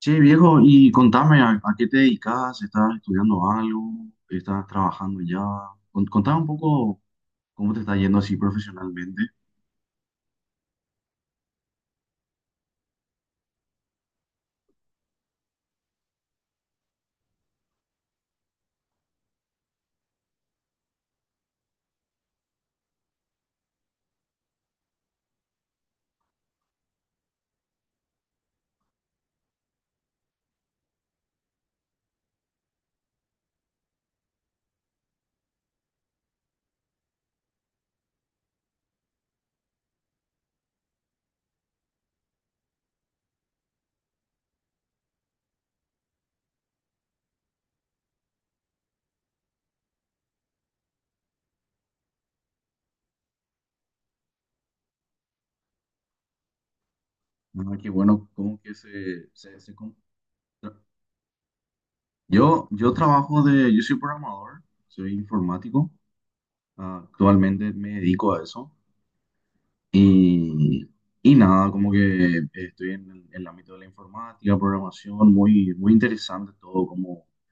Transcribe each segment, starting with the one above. Che, viejo, y contame, ¿a qué te dedicas? ¿Estás estudiando algo? ¿Estás trabajando ya? Contame un poco cómo te está yendo así profesionalmente. Ah, qué bueno, cómo que se con- tra- Yo trabajo de, yo soy programador, soy informático, ah, actualmente me dedico a eso. Y, y nada, como que estoy en en el ámbito de la informática, programación, muy interesante todo, cómo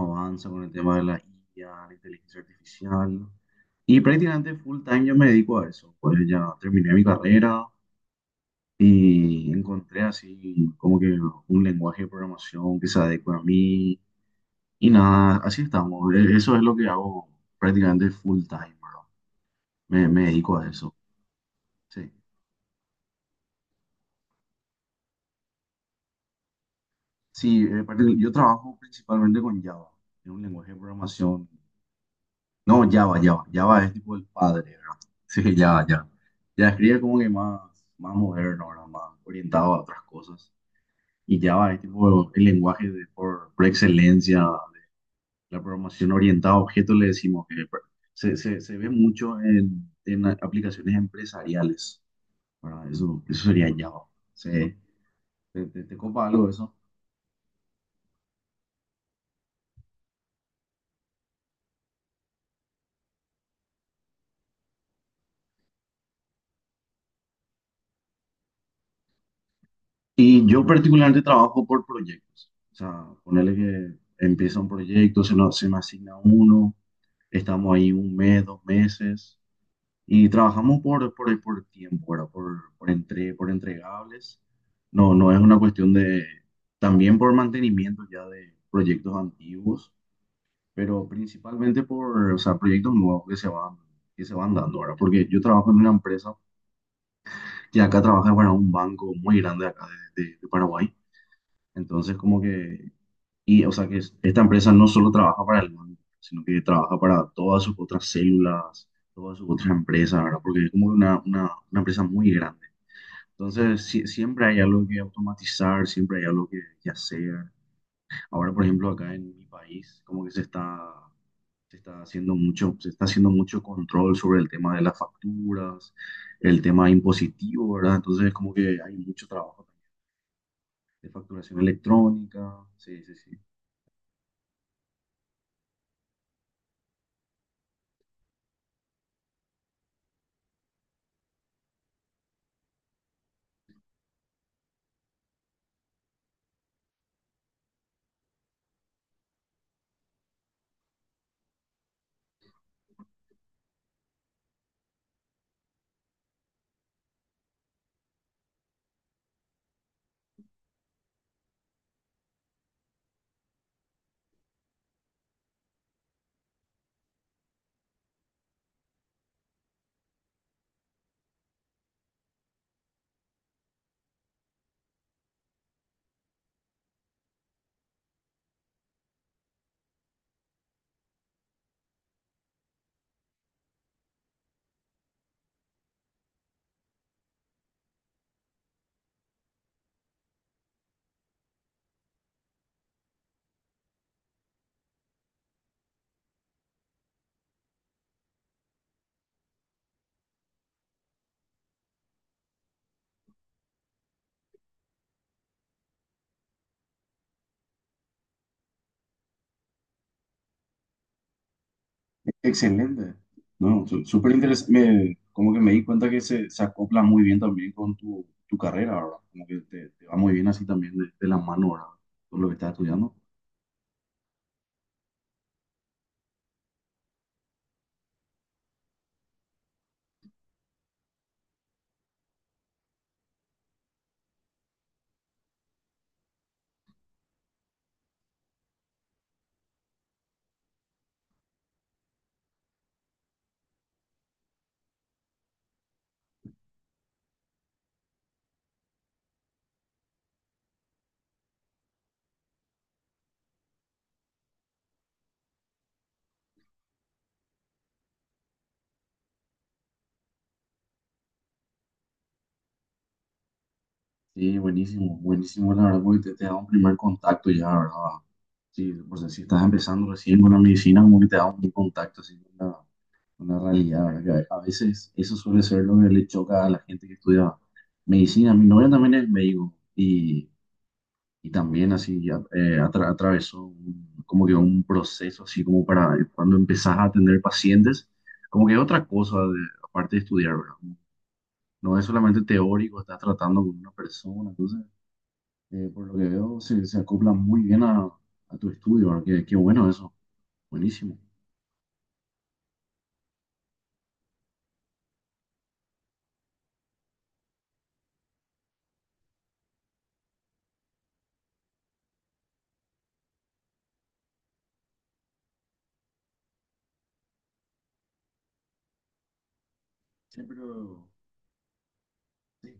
avanza con el tema de la IA, la inteligencia artificial. Y prácticamente full time yo me dedico a eso. Pues ya terminé mi carrera y encontré así como que un lenguaje de programación que se adecue a mí. Y nada, así estamos. Eso es lo que hago prácticamente full time, bro. Me dedico a eso. Sí, yo trabajo principalmente con Java. Es un lenguaje de programación. No, Java, Java. Java es tipo el padre, ¿verdad? Sí, Java, Java. JavaScript es como que más, más moderno, ¿verdad? Más orientado a otras cosas. Y Java es tipo el lenguaje por excelencia de la programación orientada a objetos, le decimos que se ve mucho en, aplicaciones empresariales, ¿verdad? Eso sería Java. Sí. ¿Te copa algo de eso? Y yo particularmente trabajo por proyectos. O sea, ponerle que empieza un proyecto, se me asigna uno. Estamos ahí un mes, dos meses y trabajamos por tiempo, ¿verdad? Por entregables. No, no es una cuestión de, también por mantenimiento ya de proyectos antiguos, pero principalmente por, o sea, proyectos nuevos que se van dando ahora, porque yo trabajo en una empresa que acá trabaja para un banco muy grande acá de Paraguay, entonces como que. Y, o sea, que esta empresa no solo trabaja para el banco, sino que trabaja para todas sus otras células, todas sus otras empresas, ¿verdad? Porque es como una empresa muy grande. Entonces, siempre hay algo que automatizar, siempre hay algo que hacer. Ahora, por ejemplo, acá en mi país, como que se está haciendo mucho, se está haciendo mucho control sobre el tema de las facturas, el tema impositivo, ¿verdad? Entonces, como que hay mucho trabajo de facturación electrónica, sí, sí, sí. Excelente. No, no, súper interesante. Como que me di cuenta que se acopla muy bien también con tu, tu carrera, ¿verdad? Como que te va muy bien así también de la mano, ¿verdad? Con lo que estás estudiando. Sí, buenísimo, buenísimo, la verdad, porque te da un primer contacto ya, ¿verdad? Sí, pues si estás empezando recién con la medicina, como que te da un primer contacto así con la realidad, ¿verdad? Que a veces eso suele ser lo que le choca a la gente que estudia medicina. Mi novia también es médico. Y también así ya, atravesó como que un proceso así como para cuando empezás a atender pacientes, como que otra cosa aparte de estudiar, ¿verdad? No es solamente teórico, estás tratando con una persona, entonces por lo que veo se, se acopla muy bien a tu estudio, ¿verdad? Qué, qué bueno eso, buenísimo. Sí, pero... sí.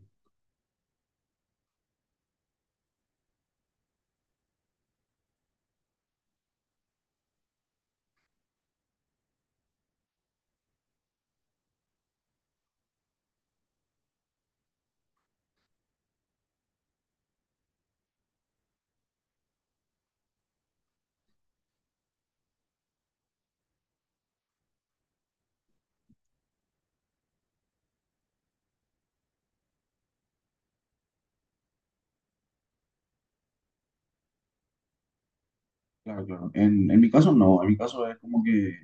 Claro, claro. En mi caso no, en mi caso es como que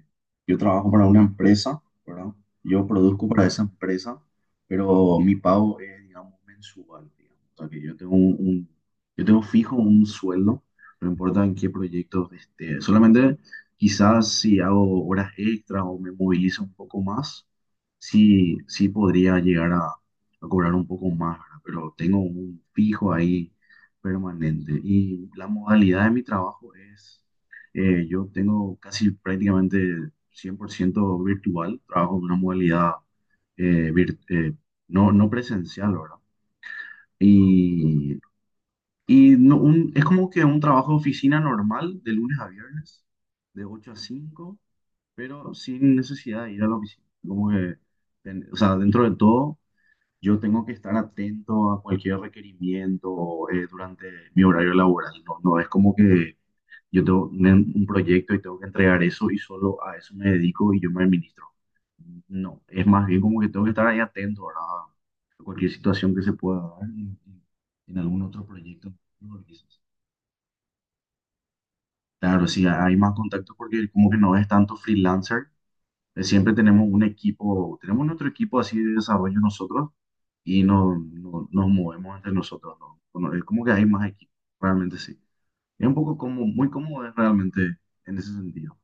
yo trabajo para una empresa, ¿verdad? Yo produzco para esa empresa, pero mi pago es, digamos, mensual, digamos. O sea que yo tengo yo tengo fijo un sueldo, no importa en qué proyecto esté. Solamente quizás si hago horas extras o me movilizo un poco más, sí, sí podría llegar a cobrar un poco más, ¿verdad? Pero tengo un fijo ahí permanente. Y la modalidad de mi trabajo es, yo tengo casi prácticamente 100% virtual, trabajo en una modalidad eh, vir- eh, no, no presencial, ¿verdad? Y, y no, es como que un trabajo de oficina normal de lunes a viernes, de ocho a cinco, pero sin necesidad de ir a la oficina. Como que, o sea, dentro de todo, yo tengo que estar atento a cualquier requerimiento durante mi horario laboral. No, no es como que yo tengo un proyecto y tengo que entregar eso y solo a eso me dedico y yo me administro. No, es más bien como que tengo que estar ahí atento, ¿verdad? A cualquier situación que se pueda dar en algún otro proyecto. Claro, sí, hay más contacto porque como que no es tanto freelancer. Siempre tenemos un equipo, tenemos nuestro equipo así de desarrollo nosotros y no, nos movemos entre nosotros, ¿no? Bueno, es como que hay más equipo, realmente sí. Es un poco como, muy cómodo es realmente en ese sentido.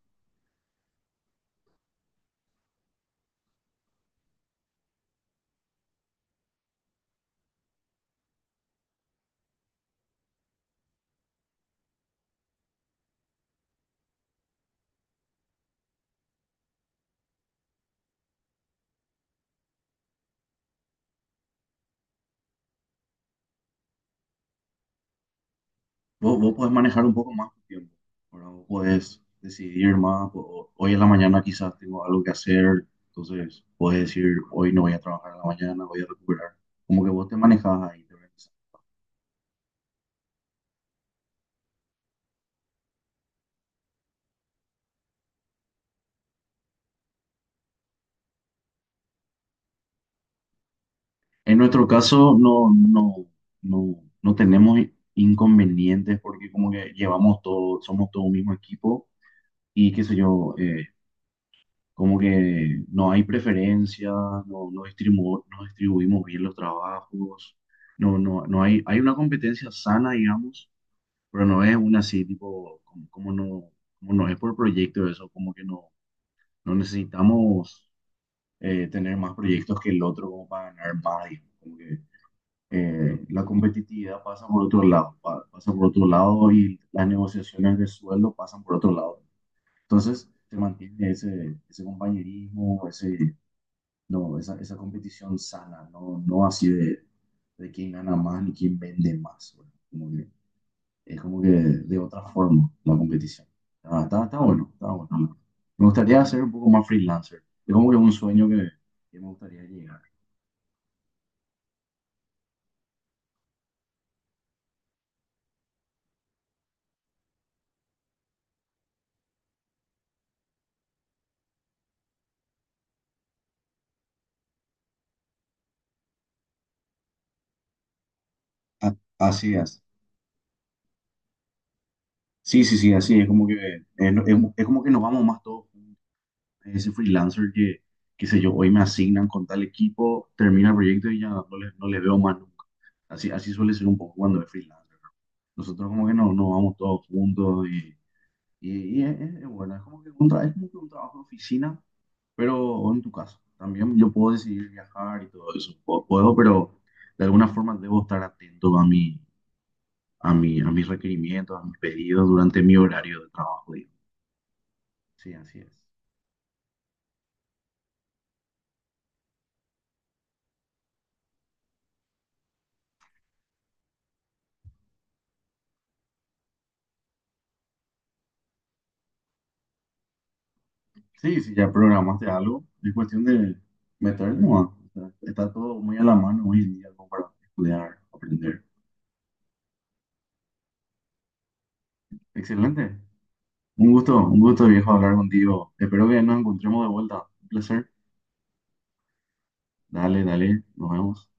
Vos podés manejar un poco más tu tiempo, ¿verdad? Vos podés decidir más, hoy en la mañana quizás tengo algo que hacer, entonces podés decir, hoy no voy a trabajar en la mañana, voy a recuperar. Como que vos te manejas ahí, ¿verdad? En nuestro caso no, no tenemos inconvenientes porque como que llevamos todo, somos todo un mismo equipo y qué sé yo, como que no hay preferencia, no, no, no distribuimos bien los trabajos, no hay, hay una competencia sana, digamos, pero no es una así tipo, como, como no es por proyecto eso, como que no, no necesitamos tener más proyectos que el otro como para ganar más, digamos, como que la competitividad pasa por otro lado, pasa por otro lado y las negociaciones de sueldo pasan por otro lado. Entonces, se mantiene ese, ese compañerismo, ese, no, esa competición sana, no, no así de quién gana más ni quién vende más, ¿verdad? Es como que de otra forma la competición. Ah, está, está bueno, está bueno. Me gustaría ser un poco más freelancer. Es como que un sueño que me gustaría llegar. Así es. Sí, sí, sí, así es como que es, como que nos vamos más todos juntos. Ese freelancer que, qué sé yo, hoy me asignan con tal equipo, termina el proyecto y ya no le veo más nunca. Así, así suele ser un poco cuando es freelancer, ¿no? Nosotros como que nos vamos todos juntos y, y es, es bueno, es como que un, es como que un trabajo de oficina, pero o en tu caso, también yo puedo decidir viajar y todo eso, puedo, puedo, pero de alguna forma debo estar atento a mi, a mi, a mis requerimientos, a mis pedidos durante mi horario de trabajo. Sí, así es. Sí, si ya programaste algo, es cuestión de meter nomás. O sea, está todo muy a la mano hoy en día como para estudiar, aprender. Excelente. Un gusto, viejo, hablar contigo. Espero que nos encontremos de vuelta. Un placer. Dale, dale, nos vemos.